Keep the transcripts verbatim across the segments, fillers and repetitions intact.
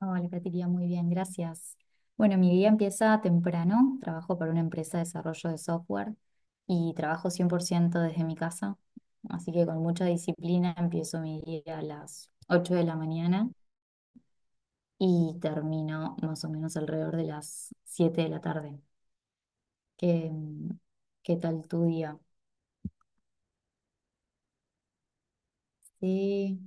Hola, Catiria, muy bien, gracias. Bueno, mi día empieza temprano. Trabajo para una empresa de desarrollo de software y trabajo cien por ciento desde mi casa. Así que con mucha disciplina empiezo mi día a las ocho de la mañana y termino más o menos alrededor de las siete de la tarde. ¿Qué, qué tal tu día? Sí,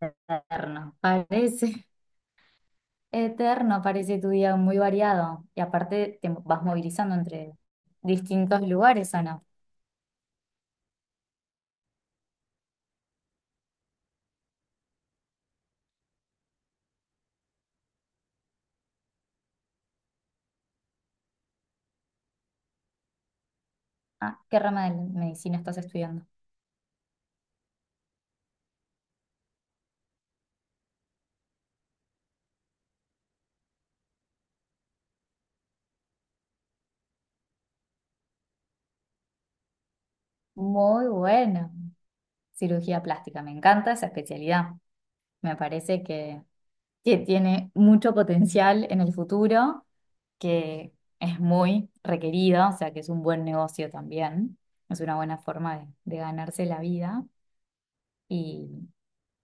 eterno, parece. Eterno parece tu día muy variado y aparte te vas movilizando entre distintos lugares, ¿o no? Ah, ¿qué rama de medicina estás estudiando? Muy buena. Cirugía plástica, me encanta esa especialidad. Me parece que, que tiene mucho potencial en el futuro, que es muy requerida, o sea que es un buen negocio también. Es una buena forma de, de ganarse la vida y,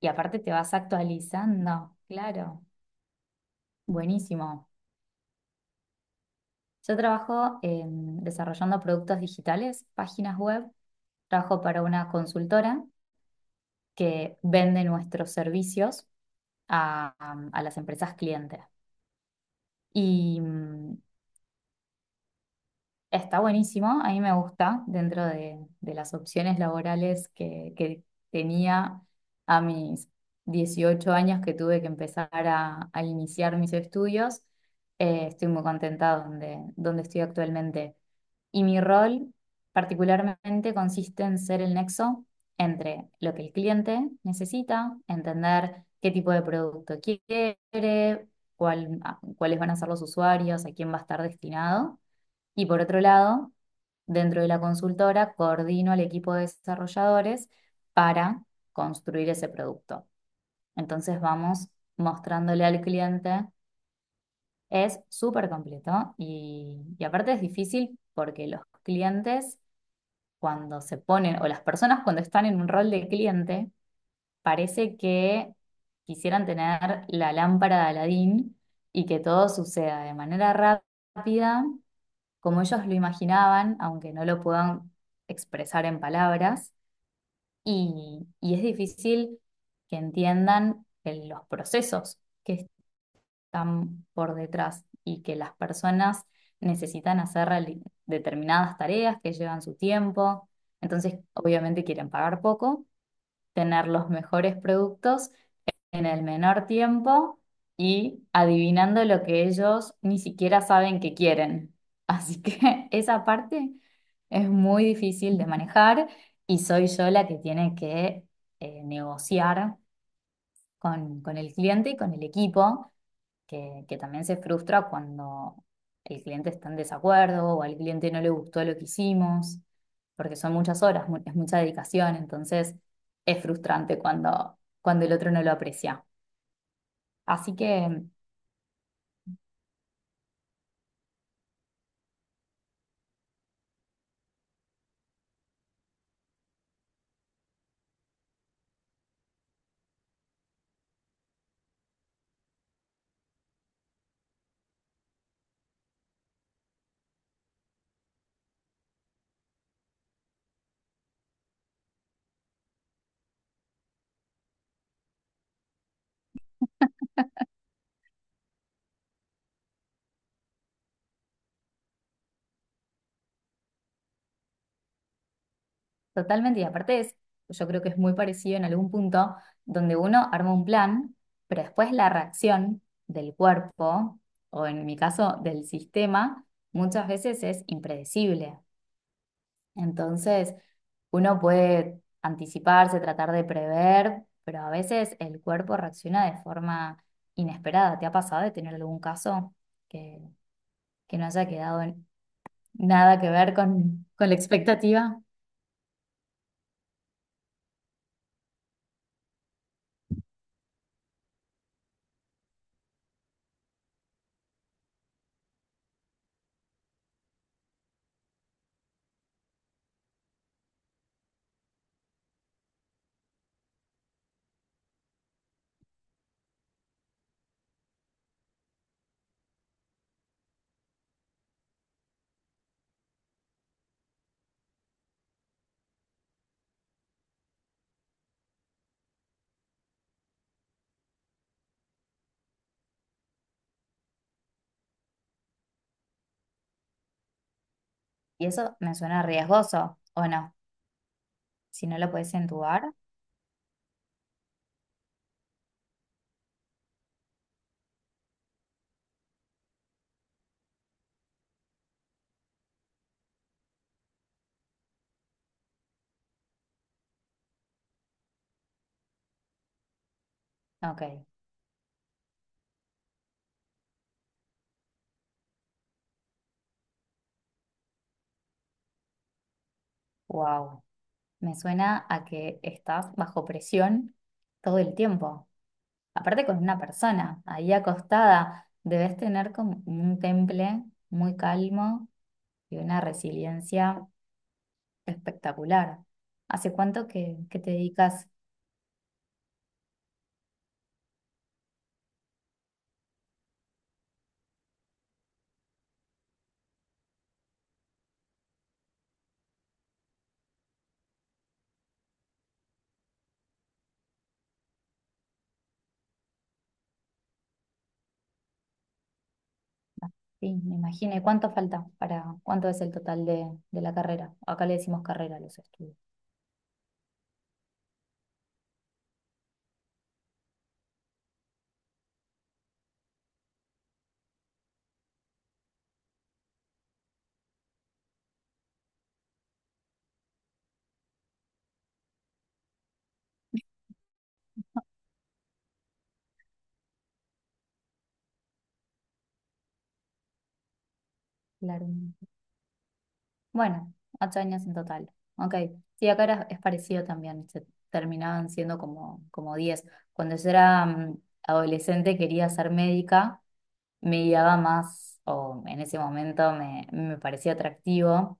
y aparte te vas actualizando, claro. Buenísimo. Yo trabajo en- desarrollando productos digitales, páginas web, trabajo para una consultora que vende nuestros servicios a, a las empresas clientes. Y mm, Está buenísimo, a mí me gusta dentro de, de las opciones laborales que, que tenía a mis dieciocho años que tuve que empezar a, a iniciar mis estudios. Eh, estoy muy contenta donde, donde estoy actualmente. Y mi rol particularmente consiste en ser el nexo entre lo que el cliente necesita, entender qué tipo de producto quiere, cuál- a- cuáles van a ser los usuarios, a quién va a estar destinado y por otro lado, dentro de la consultora, coordino al equipo de desarrolladores para construir ese producto. Entonces vamos mostrándole al cliente, es súper completo y, y aparte es difícil porque los clientes cuando se ponen, o las personas cuando están en un rol de cliente, parece que quisieran tener la lámpara de Aladín y que todo suceda de manera rápida como ellos lo imaginaban, aunque no lo puedan expresar en palabras, y, y es difícil que entiendan el- los procesos que están por detrás y que las personas necesitan hacer reali- determinadas tareas que llevan su tiempo, entonces obviamente quieren pagar poco, tener los mejores productos en el menor tiempo y adivinando lo que ellos ni siquiera saben que quieren. Así que esa parte es muy difícil de manejar y soy yo la que tiene que eh, negociar con, con el cliente y con el equipo, que, que también se frustra cuando el cliente está en desacuerdo o al cliente no le gustó lo que hicimos, porque son muchas horas, mu- es mucha dedicación, entonces es frustrante cuando, cuando el otro no lo aprecia. Así que totalmente, y aparte es, yo creo que es muy parecido en algún punto donde uno arma un plan, pero después la reacción del cuerpo, o en mi caso del sistema, muchas veces es impredecible. Entonces, uno puede anticiparse, tratar de prever, pero a veces el cuerpo reacciona de forma inesperada. ¿Te ha pasado de tener algún caso que, que no haya quedado en- nada que ver con, con la expectativa? Y eso me suena riesgoso, ¿o no? Si no lo puedes entubar. Ok, wow. Me suena a que estás bajo presión todo el tiempo. Aparte con una persona ahí acostada, debes tener como un temple muy calmo y una resiliencia espectacular. ¿Hace cuánto que, que te dedicas? Sí, me imagino. ¿Y cuánto falta para, cuánto es el total de, de la carrera? Acá le decimos carrera a los estudios. Claro. Bueno, ocho años en total. Ok. Sí, acá era- es parecido también. Se terminaban siendo como, como, diez. Cuando yo era mm, adolescente quería ser médica, me guiaba más, o en ese momento me, me parecía atractivo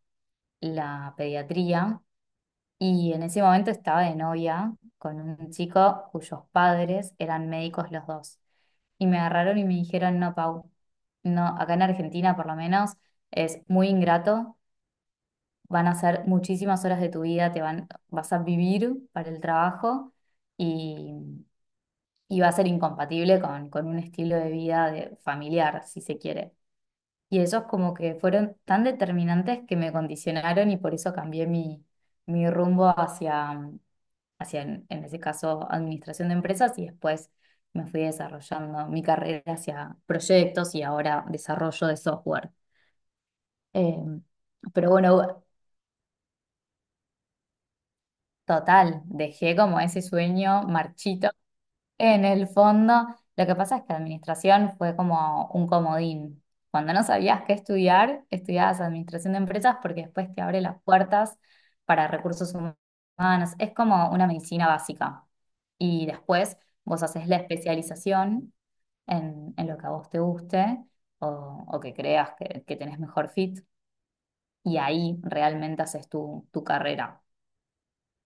la pediatría. Y en ese momento estaba de novia con un chico cuyos padres eran médicos los dos. Y me agarraron y me dijeron, no, Pau, no, acá en Argentina por lo menos es muy ingrato, van a ser muchísimas horas de tu vida, te van, vas a vivir para el trabajo y, y va a ser incompatible con, con un estilo de vida de- familiar, si se quiere. Y esos como que fueron tan determinantes que me condicionaron y por eso cambié mi, mi rumbo hacia, hacia, en, en ese caso, administración de empresas y después me fui desarrollando mi carrera hacia proyectos y ahora desarrollo de software. Em, pero bueno, total, dejé como ese sueño marchito en el fondo. Lo que pasa es que administración fue como un comodín. Cuando no sabías qué estudiar, estudiabas administración de empresas porque después te abre las puertas para recursos humanos. Es como una medicina básica. Y después vos haces la especialización en, en lo que a vos te guste o, o que creas que, que tenés mejor fit. Y ahí realmente haces tu, tu carrera.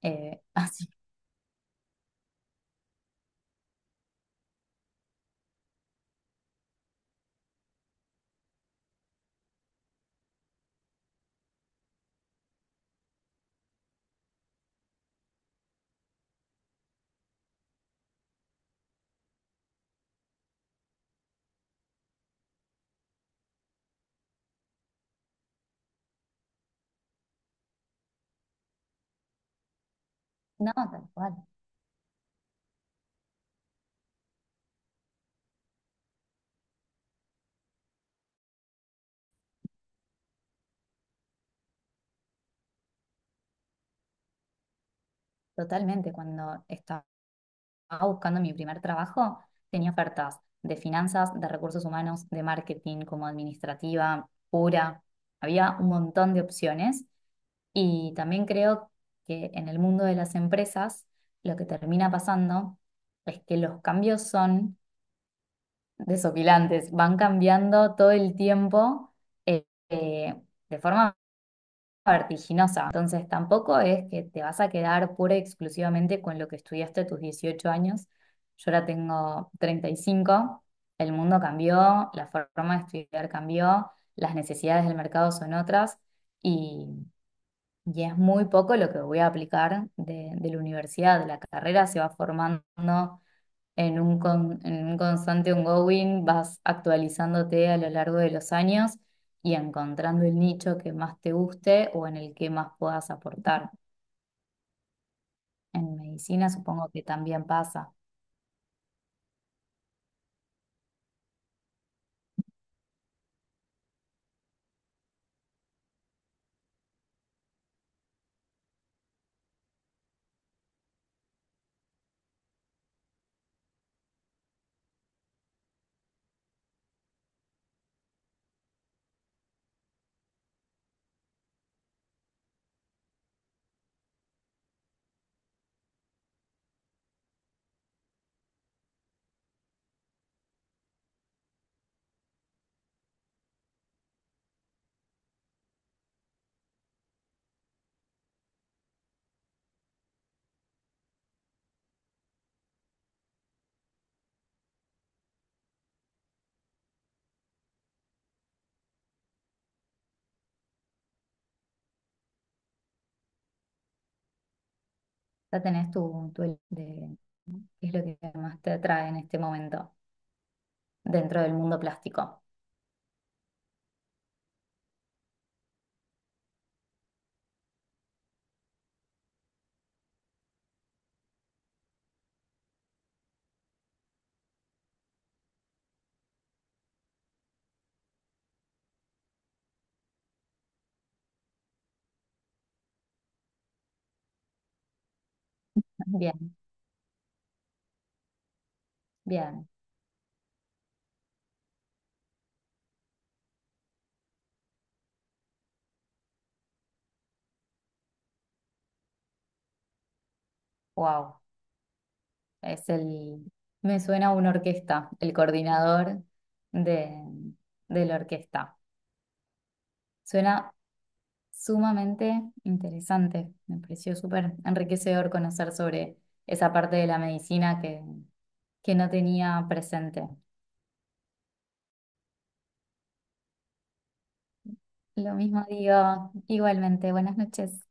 Eh, así. No, tal cual. Totalmente, cuando estaba buscando mi primer trabajo, tenía ofertas de finanzas, de recursos humanos, de marketing, como administrativa, pura. Había un montón de opciones y también creo que en el mundo de las empresas lo que termina pasando es que los cambios son desopilantes, van cambiando todo el tiempo, eh, eh, de forma vertiginosa. Entonces tampoco es que te vas a quedar pura y exclusivamente con lo que estudiaste a tus dieciocho años. Yo ahora tengo treinta y cinco. El mundo cambió, la forma de estudiar cambió, las necesidades del mercado son otras y, y es muy poco lo que voy a aplicar de, de la universidad. La carrera se va formando en un, con- en un constante ongoing, vas actualizándote a lo largo de los años y encontrando el nicho que más te guste o en el que más puedas aportar. En medicina supongo que también pasa. Ya tenés tu, tu el- de qué es lo que más te atrae en este momento dentro del mundo plástico. Bien, bien. Wow. Es el, Me suena a una orquesta, el coordinador de, de la orquesta. Suena Sumamente interesante. Me pareció súper enriquecedor conocer sobre esa parte de la medicina que, que no tenía presente. Lo mismo digo, igualmente, buenas noches.